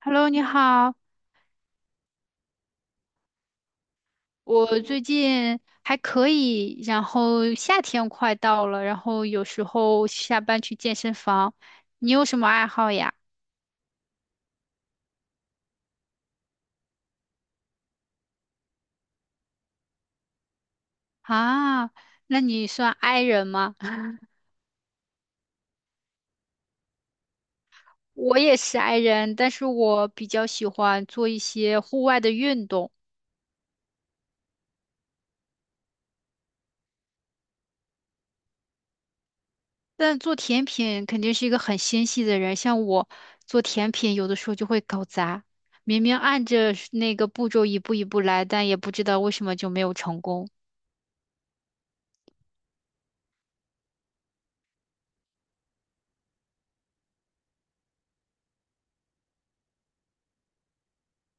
Hello，你好。我最近还可以，然后夏天快到了，然后有时候下班去健身房。你有什么爱好呀？啊，那你算 i 人吗？我也是 i 人，但是我比较喜欢做一些户外的运动。但做甜品肯定是一个很纤细的人，像我做甜品，有的时候就会搞砸，明明按着那个步骤一步一步来，但也不知道为什么就没有成功。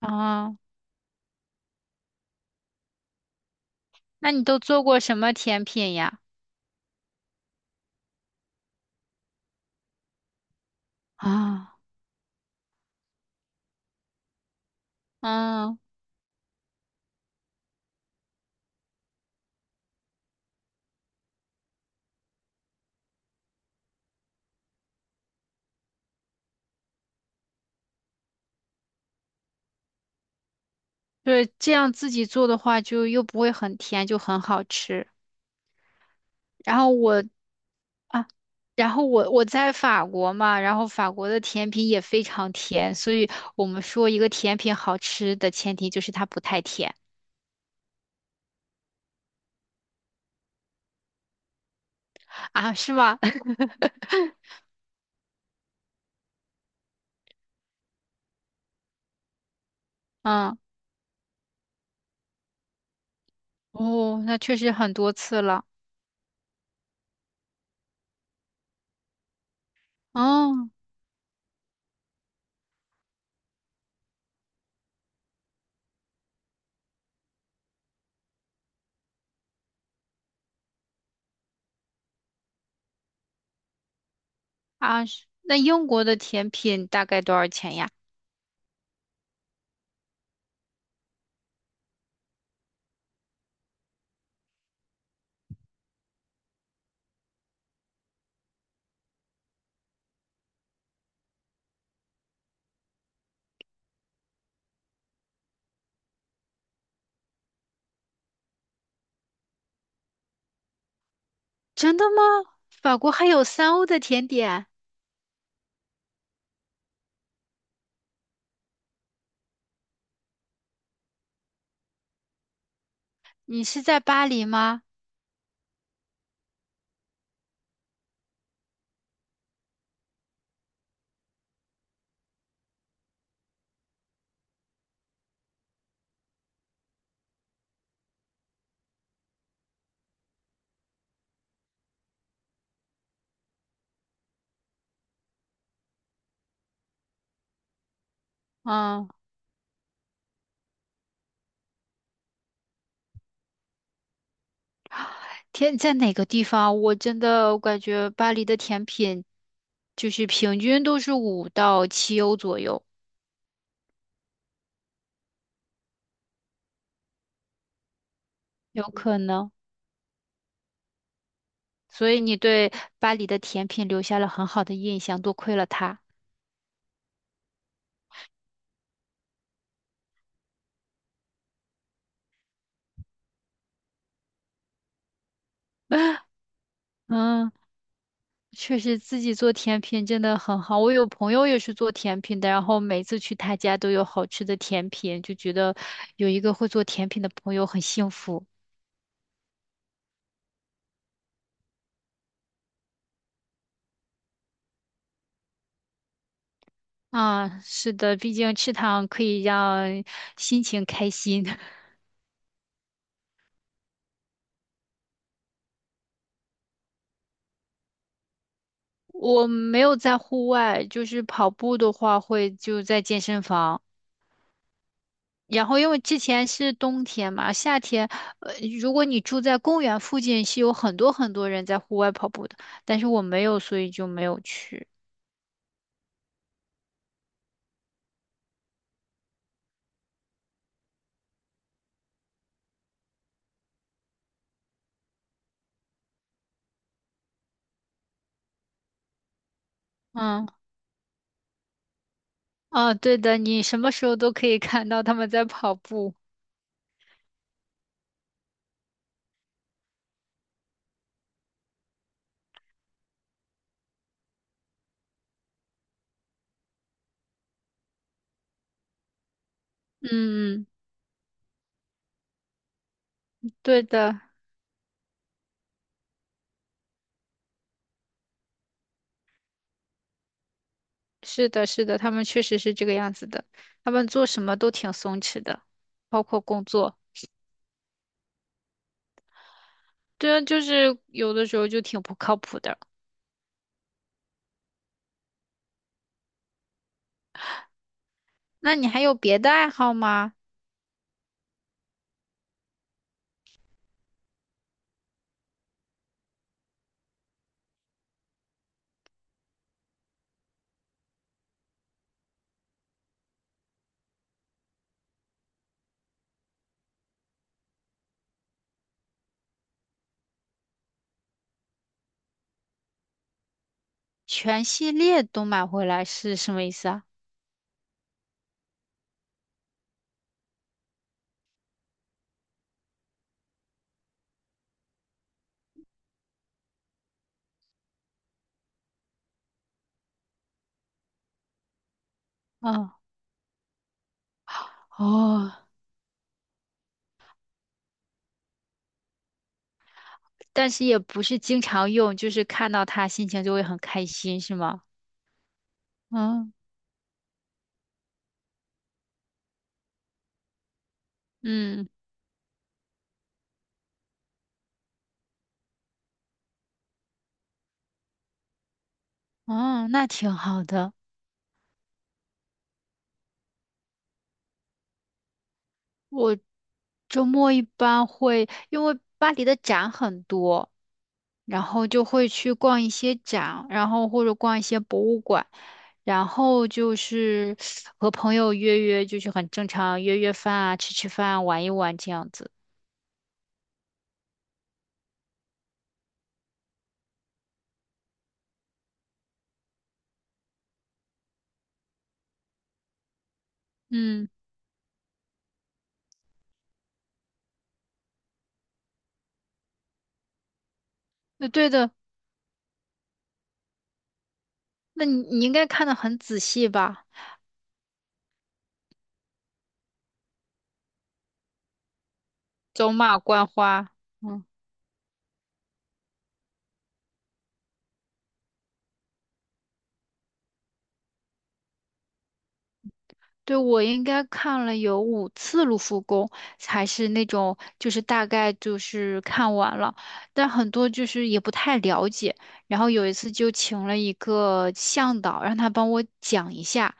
啊。那你都做过什么甜品呀？啊，嗯，对，这样自己做的话，就又不会很甜，就很好吃。然后我啊，然后我我在法国嘛，然后法国的甜品也非常甜，所以我们说一个甜品好吃的前提就是它不太甜。啊，是吧？嗯。哦，那确实很多次了。哦。啊，是那英国的甜品大概多少钱呀？真的吗？法国还有3欧的甜点？你是在巴黎吗？嗯，天，在哪个地方？我真的我感觉巴黎的甜品就是平均都是5到7欧左右。有可能。所以你对巴黎的甜品留下了很好的印象，多亏了他。嗯，确实自己做甜品真的很好。我有朋友也是做甜品的，然后每次去他家都有好吃的甜品，就觉得有一个会做甜品的朋友很幸福。啊，是的，毕竟吃糖可以让心情开心。我没有在户外，就是跑步的话会就在健身房。然后因为之前是冬天嘛，夏天，呃，如果你住在公园附近，是有很多很多人在户外跑步的，但是我没有，所以就没有去。嗯。啊，对的，你什么时候都可以看到他们在跑步。嗯嗯，对的。是的，是的，他们确实是这个样子的，他们做什么都挺松弛的，包括工作。对啊，就是有的时候就挺不靠谱的。那你还有别的爱好吗？全系列都买回来是什么意思啊？嗯。哦，但是也不是经常用，就是看到它心情就会很开心，是吗？嗯嗯嗯，那挺好的。周末一般会，因为巴黎的展很多。然后就会去逛一些展，然后或者逛一些博物馆，然后就是和朋友约约，就是很正常，约约饭啊，吃吃饭啊，玩一玩这样子。嗯，那对的，那你应该看得很仔细吧？走马观花。嗯。对，我应该看了有5次卢浮宫，还是那种就是大概就是看完了，但很多就是也不太了解。然后有一次就请了一个向导，让他帮我讲一下，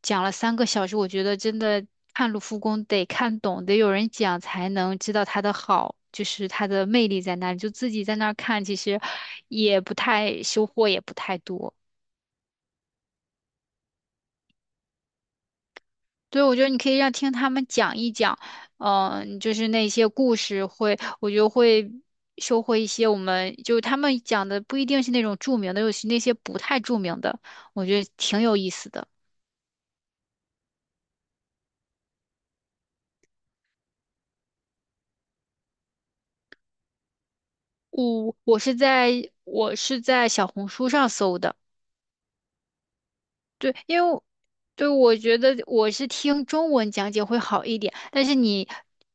讲了3个小时。我觉得真的看卢浮宫得看懂，得有人讲才能知道它的好，就是它的魅力在哪里。就自己在那儿看，其实也不太收获也不太多。对，我觉得你可以让听他们讲一讲，就是那些故事会，我觉得会收获一些我们就是他们讲的不一定是那种著名的，尤其那些不太著名的，我觉得挺有意思的。我是在小红书上搜的。对，因为我对我觉得我是听中文讲解会好一点，但是你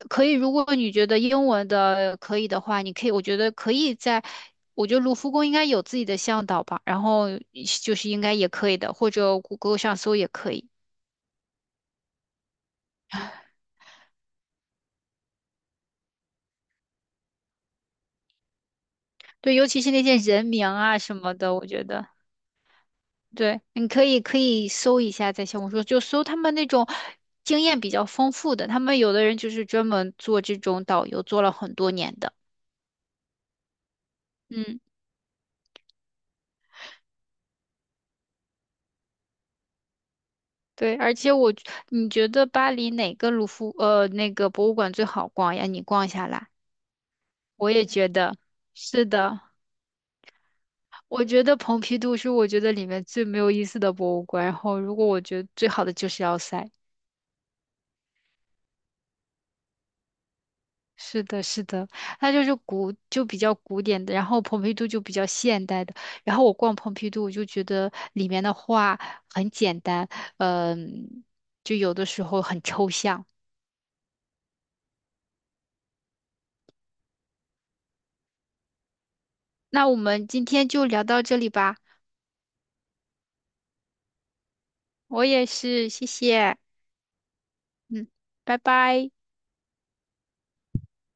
可以，如果你觉得英文的可以的话，你可以，我觉得可以在，我觉得卢浮宫应该有自己的向导吧，然后就是应该也可以的，或者谷歌上搜也可以。对，尤其是那些人名啊什么的，我觉得对，你可以可以搜一下，在小红书就搜他们那种经验比较丰富的，他们有的人就是专门做这种导游，做了很多年的。嗯。对，而且我，你觉得巴黎哪个那个博物馆最好逛呀？你逛下来，我也觉得是的。我觉得蓬皮杜是我觉得里面最没有意思的博物馆，然后如果我觉得最好的就是要塞。是的，是的，它就是古就比较古典的，然后蓬皮杜就比较现代的。然后我逛蓬皮杜，我就觉得里面的画很简单，嗯、就有的时候很抽象。那我们今天就聊到这里吧。我也是，谢谢。嗯，拜拜。